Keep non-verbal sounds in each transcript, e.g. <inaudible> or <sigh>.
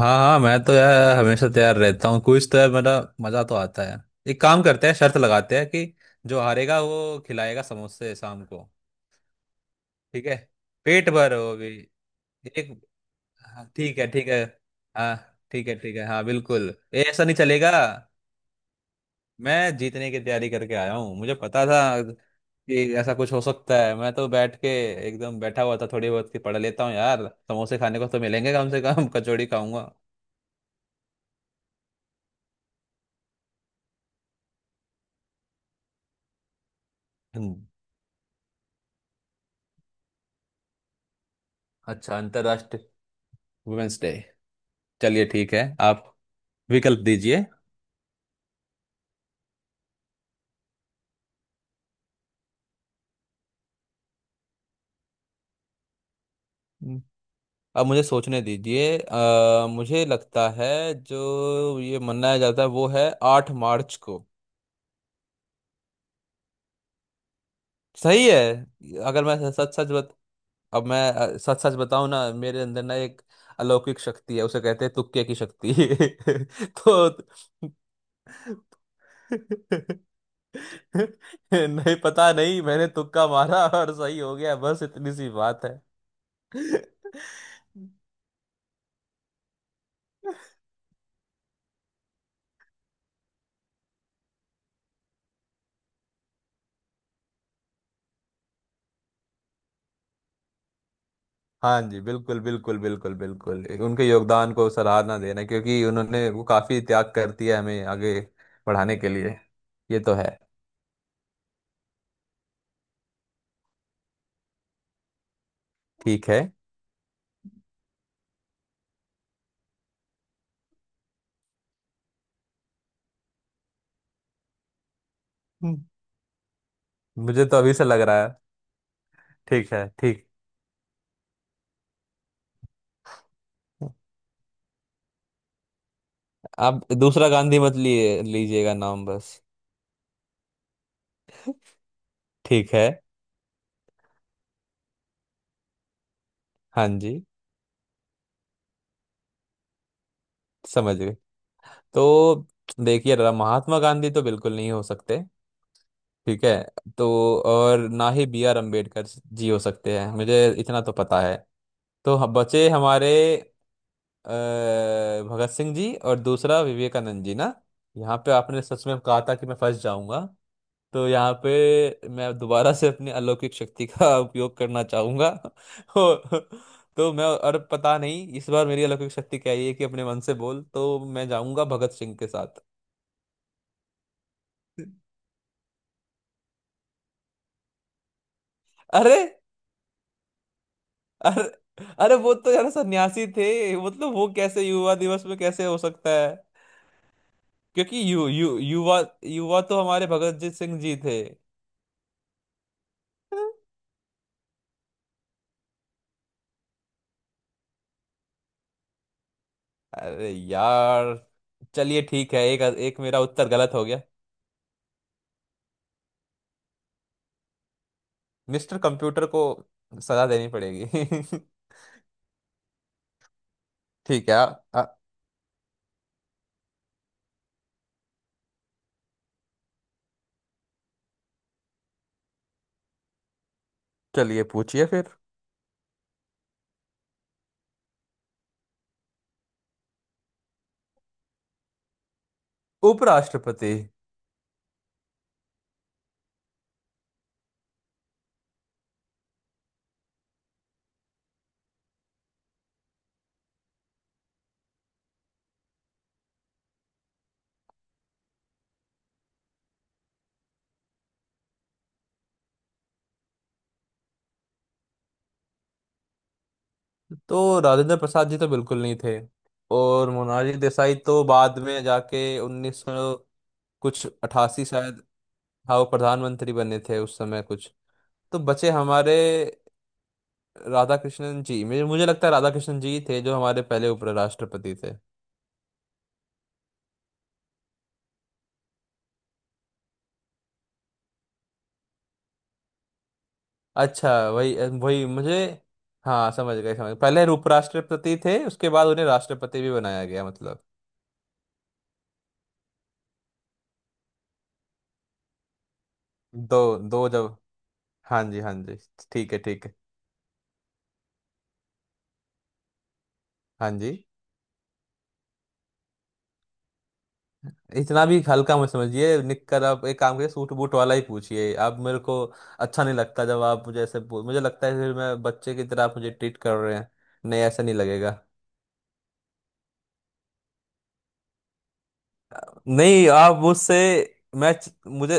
हाँ हाँ, मैं तो यार हमेशा तैयार रहता हूँ। कुछ तो यार मेरा मजा तो आता है। एक काम करते हैं, शर्त लगाते हैं कि जो हारेगा वो खिलाएगा समोसे शाम को। ठीक है, पेट भर वो भी। एक। हाँ, ठीक है ठीक है। हाँ। ठीक है ठीक है, हाँ, बिल्कुल। ये ऐसा नहीं चलेगा। मैं जीतने की तैयारी करके आया हूँ, मुझे पता था कि ऐसा कुछ हो सकता है। मैं तो बैठ के एकदम बैठा हुआ था, थोड़ी बहुत की पढ़ लेता हूँ यार। समोसे खाने को तो मिलेंगे कम से कम <laughs> कचौड़ी खाऊंगा। हम्म। अच्छा, अंतरराष्ट्रीय वुमेन्स डे। चलिए ठीक है। आप विकल्प दीजिए। हम्म। अब मुझे सोचने दीजिए, मुझे लगता है जो ये मनाया जाता है वो है 8 मार्च को। सही है। अगर मैं सच सच बत अब मैं सच सच बताऊं ना, मेरे अंदर ना एक अलौकिक शक्ति है, उसे कहते हैं तुक्के की शक्ति। <laughs> तो <laughs> नहीं, पता नहीं, मैंने तुक्का मारा और सही हो गया, बस इतनी सी बात है। <laughs> हाँ जी, बिल्कुल बिल्कुल बिल्कुल बिल्कुल, उनके योगदान को सराहना देना, क्योंकि उन्होंने वो काफी त्याग कर दिया हमें आगे बढ़ाने के लिए। ये तो है। ठीक है। हम्म, मुझे तो अभी से लग रहा है। ठीक है, ठीक। आप दूसरा गांधी मत लिए लीजिएगा नाम बस। ठीक है। हाँ जी। समझ गए। तो देखिए, महात्मा गांधी तो बिल्कुल नहीं हो सकते। ठीक है। तो और ना ही B R अम्बेडकर जी हो सकते हैं, मुझे इतना तो पता है। तो बचे हमारे, अ, भगत सिंह जी और दूसरा विवेकानंद जी ना। यहाँ पे आपने सच में कहा था कि मैं फंस जाऊंगा। तो यहाँ पे मैं दोबारा से अपनी अलौकिक शक्ति का <laughs> उपयोग करना चाहूंगा। <laughs> और- तो मैं, और पता नहीं इस बार मेरी अलौकिक शक्ति क्या है, कि अपने मन से बोल तो मैं जाऊंगा भगत सिंह के साथ। अरे, अरे, अरे वो तो यार सन्यासी थे। मतलब वो कैसे युवा दिवस में कैसे हो सकता है? क्योंकि यु, यु, युवा युवा तो हमारे भगत जी सिंह जी थे। अरे यार। चलिए ठीक है। एक। एक मेरा उत्तर गलत हो गया। मिस्टर कंप्यूटर को सजा देनी पड़ेगी। <laughs> ठीक है। आ, आ, चलिए पूछिए फिर। उपराष्ट्रपति। तो राजेंद्र प्रसाद जी तो बिल्कुल नहीं थे। और मोनाली देसाई तो बाद में जाके उन्नीस सौ कुछ अठासी शायद, हाँ वो प्रधानमंत्री बने थे उस समय कुछ। तो बचे हमारे राधा कृष्णन जी, मुझे मुझे लगता है राधा कृष्णन जी ही थे जो हमारे पहले उपराष्ट्रपति थे। अच्छा, वही। वही मुझे। हाँ, समझ गए समझ गए। पहले उपराष्ट्रपति थे उसके बाद उन्हें राष्ट्रपति भी बनाया गया मतलब। दो। दो जब। हाँ जी, हाँ जी। ठीक है, ठीक है। हाँ जी। इतना भी हल्का मत समझिए। निककर, आप एक काम करिए, सूट बूट वाला ही पूछिए आप मेरे को। अच्छा नहीं लगता जब आप मुझे ऐसे मुझे लगता है फिर मैं बच्चे की तरह आप मुझे ट्रीट कर रहे हैं। नहीं, ऐसा नहीं लगेगा। नहीं, आप मुझसे। मुझे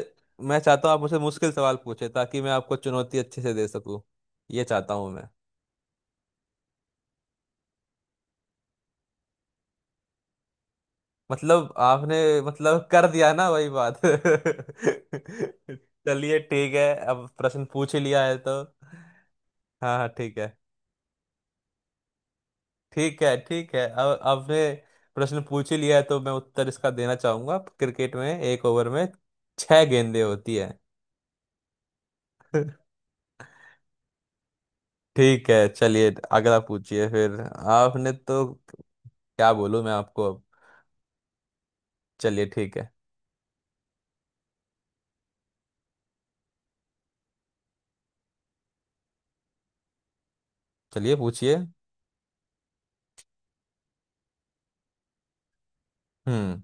मैं चाहता हूँ आप मुझसे मुश्किल सवाल पूछे, ताकि मैं आपको चुनौती अच्छे से दे सकूं। ये चाहता हूँ मैं। मतलब आपने, मतलब कर दिया ना वही बात। <laughs> चलिए ठीक है, अब प्रश्न पूछ ही लिया है तो। हाँ हाँ, ठीक है। ठीक है, ठीक है, अब आपने प्रश्न पूछ ही लिया है तो मैं उत्तर इसका देना चाहूंगा। क्रिकेट में एक ओवर में छह गेंदें होती है। <laughs> ठीक है, चलिए अगला पूछिए फिर। आपने तो क्या बोलूं मैं आपको अब। चलिए ठीक है। चलिए पूछिए। हम्म।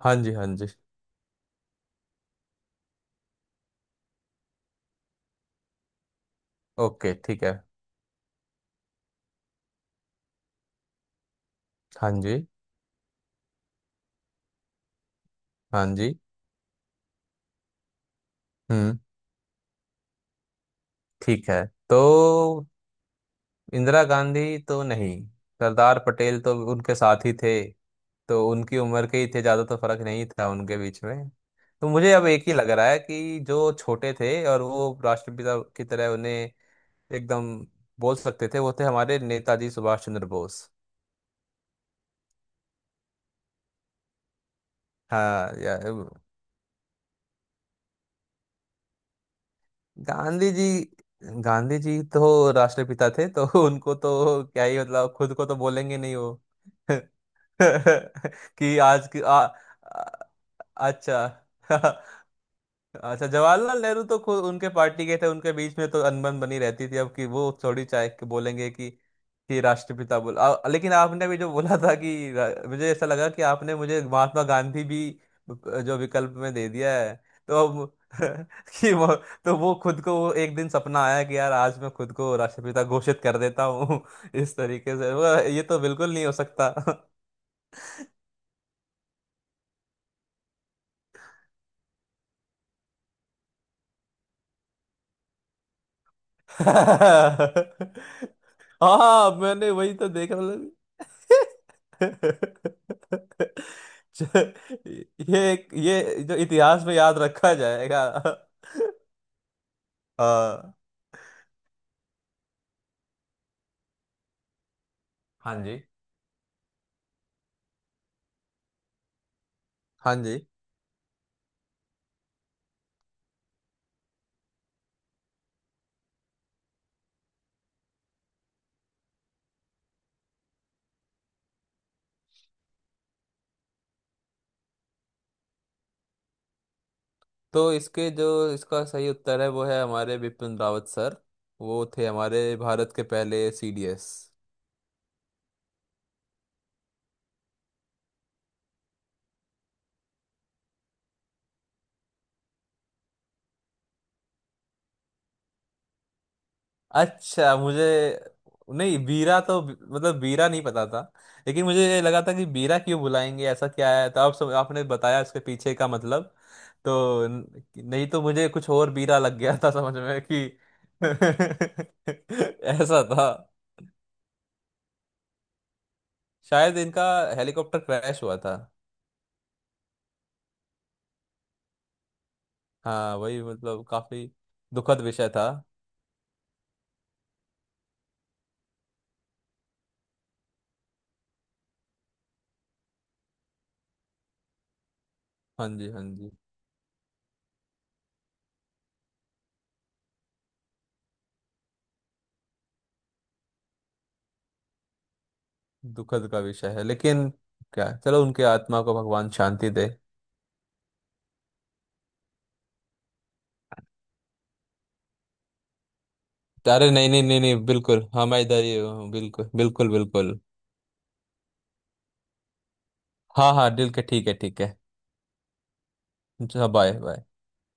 हाँ जी, हाँ जी। ओके, ठीक है। हाँ जी, हाँ जी। हम्म ठीक है। तो इंदिरा गांधी तो नहीं, सरदार पटेल तो उनके साथ ही थे, तो उनकी उम्र के ही थे, ज्यादा तो फर्क नहीं था उनके बीच में। तो मुझे अब एक ही लग रहा है कि जो छोटे थे और वो राष्ट्रपिता की तरह उन्हें एकदम बोल सकते थे, वो थे हमारे नेताजी सुभाष चंद्र बोस। हाँ, या गांधी जी। गांधी जी तो राष्ट्रपिता थे तो <laughs> उनको तो क्या ही मतलब, खुद को तो बोलेंगे नहीं वो। <laughs> <laughs> कि आज की। आ, आ- अच्छा। <laughs> अच्छा, जवाहरलाल नेहरू तो खुद उनके पार्टी के थे, उनके बीच में तो अनबन बनी रहती थी, अब कि वो थोड़ी चाहे कि बोलेंगे कि राष्ट्रपिता बोल, लेकिन आपने भी जो बोला था कि मुझे ऐसा लगा कि आपने मुझे महात्मा गांधी भी जो विकल्प में दे दिया है। तो अब <laughs> कि वो, तो वो खुद को, वो एक दिन सपना आया कि यार आज मैं खुद को राष्ट्रपिता घोषित कर देता हूँ <laughs> इस तरीके से वो, ये तो बिल्कुल नहीं हो सकता। हाँ, मैंने वही तो देखा मतलब। च- ये जो इतिहास में याद रखा जाएगा। हाँ। हाँ जी, हाँ जी। तो इसके जो इसका सही उत्तर है, वो है हमारे बिपिन रावत सर। वो थे हमारे भारत के पहले CDS। अच्छा, मुझे, नहीं, बीरा तो मतलब बीरा नहीं पता था, लेकिन मुझे ये लगा था कि बीरा क्यों बुलाएंगे, ऐसा क्या है, तो आप सब आपने बताया उसके पीछे का मतलब। तो नहीं तो मुझे कुछ और बीरा लग गया था, समझ में कि <laughs> ऐसा था। शायद इनका हेलीकॉप्टर क्रैश हुआ था। हाँ वही, मतलब काफी दुखद विषय था। हाँ जी, हाँ जी। दुखद का विषय है लेकिन क्या, चलो उनकी आत्मा को भगवान शांति दे। अरे, नहीं नहीं नहीं नहीं, बिल्कुल, हाँ, मैं इधर ही हूँ, बिल्कुल बिल्कुल बिल्कुल। हाँ हाँ, दिल के, ठीक है, ठीक है। Bye bye.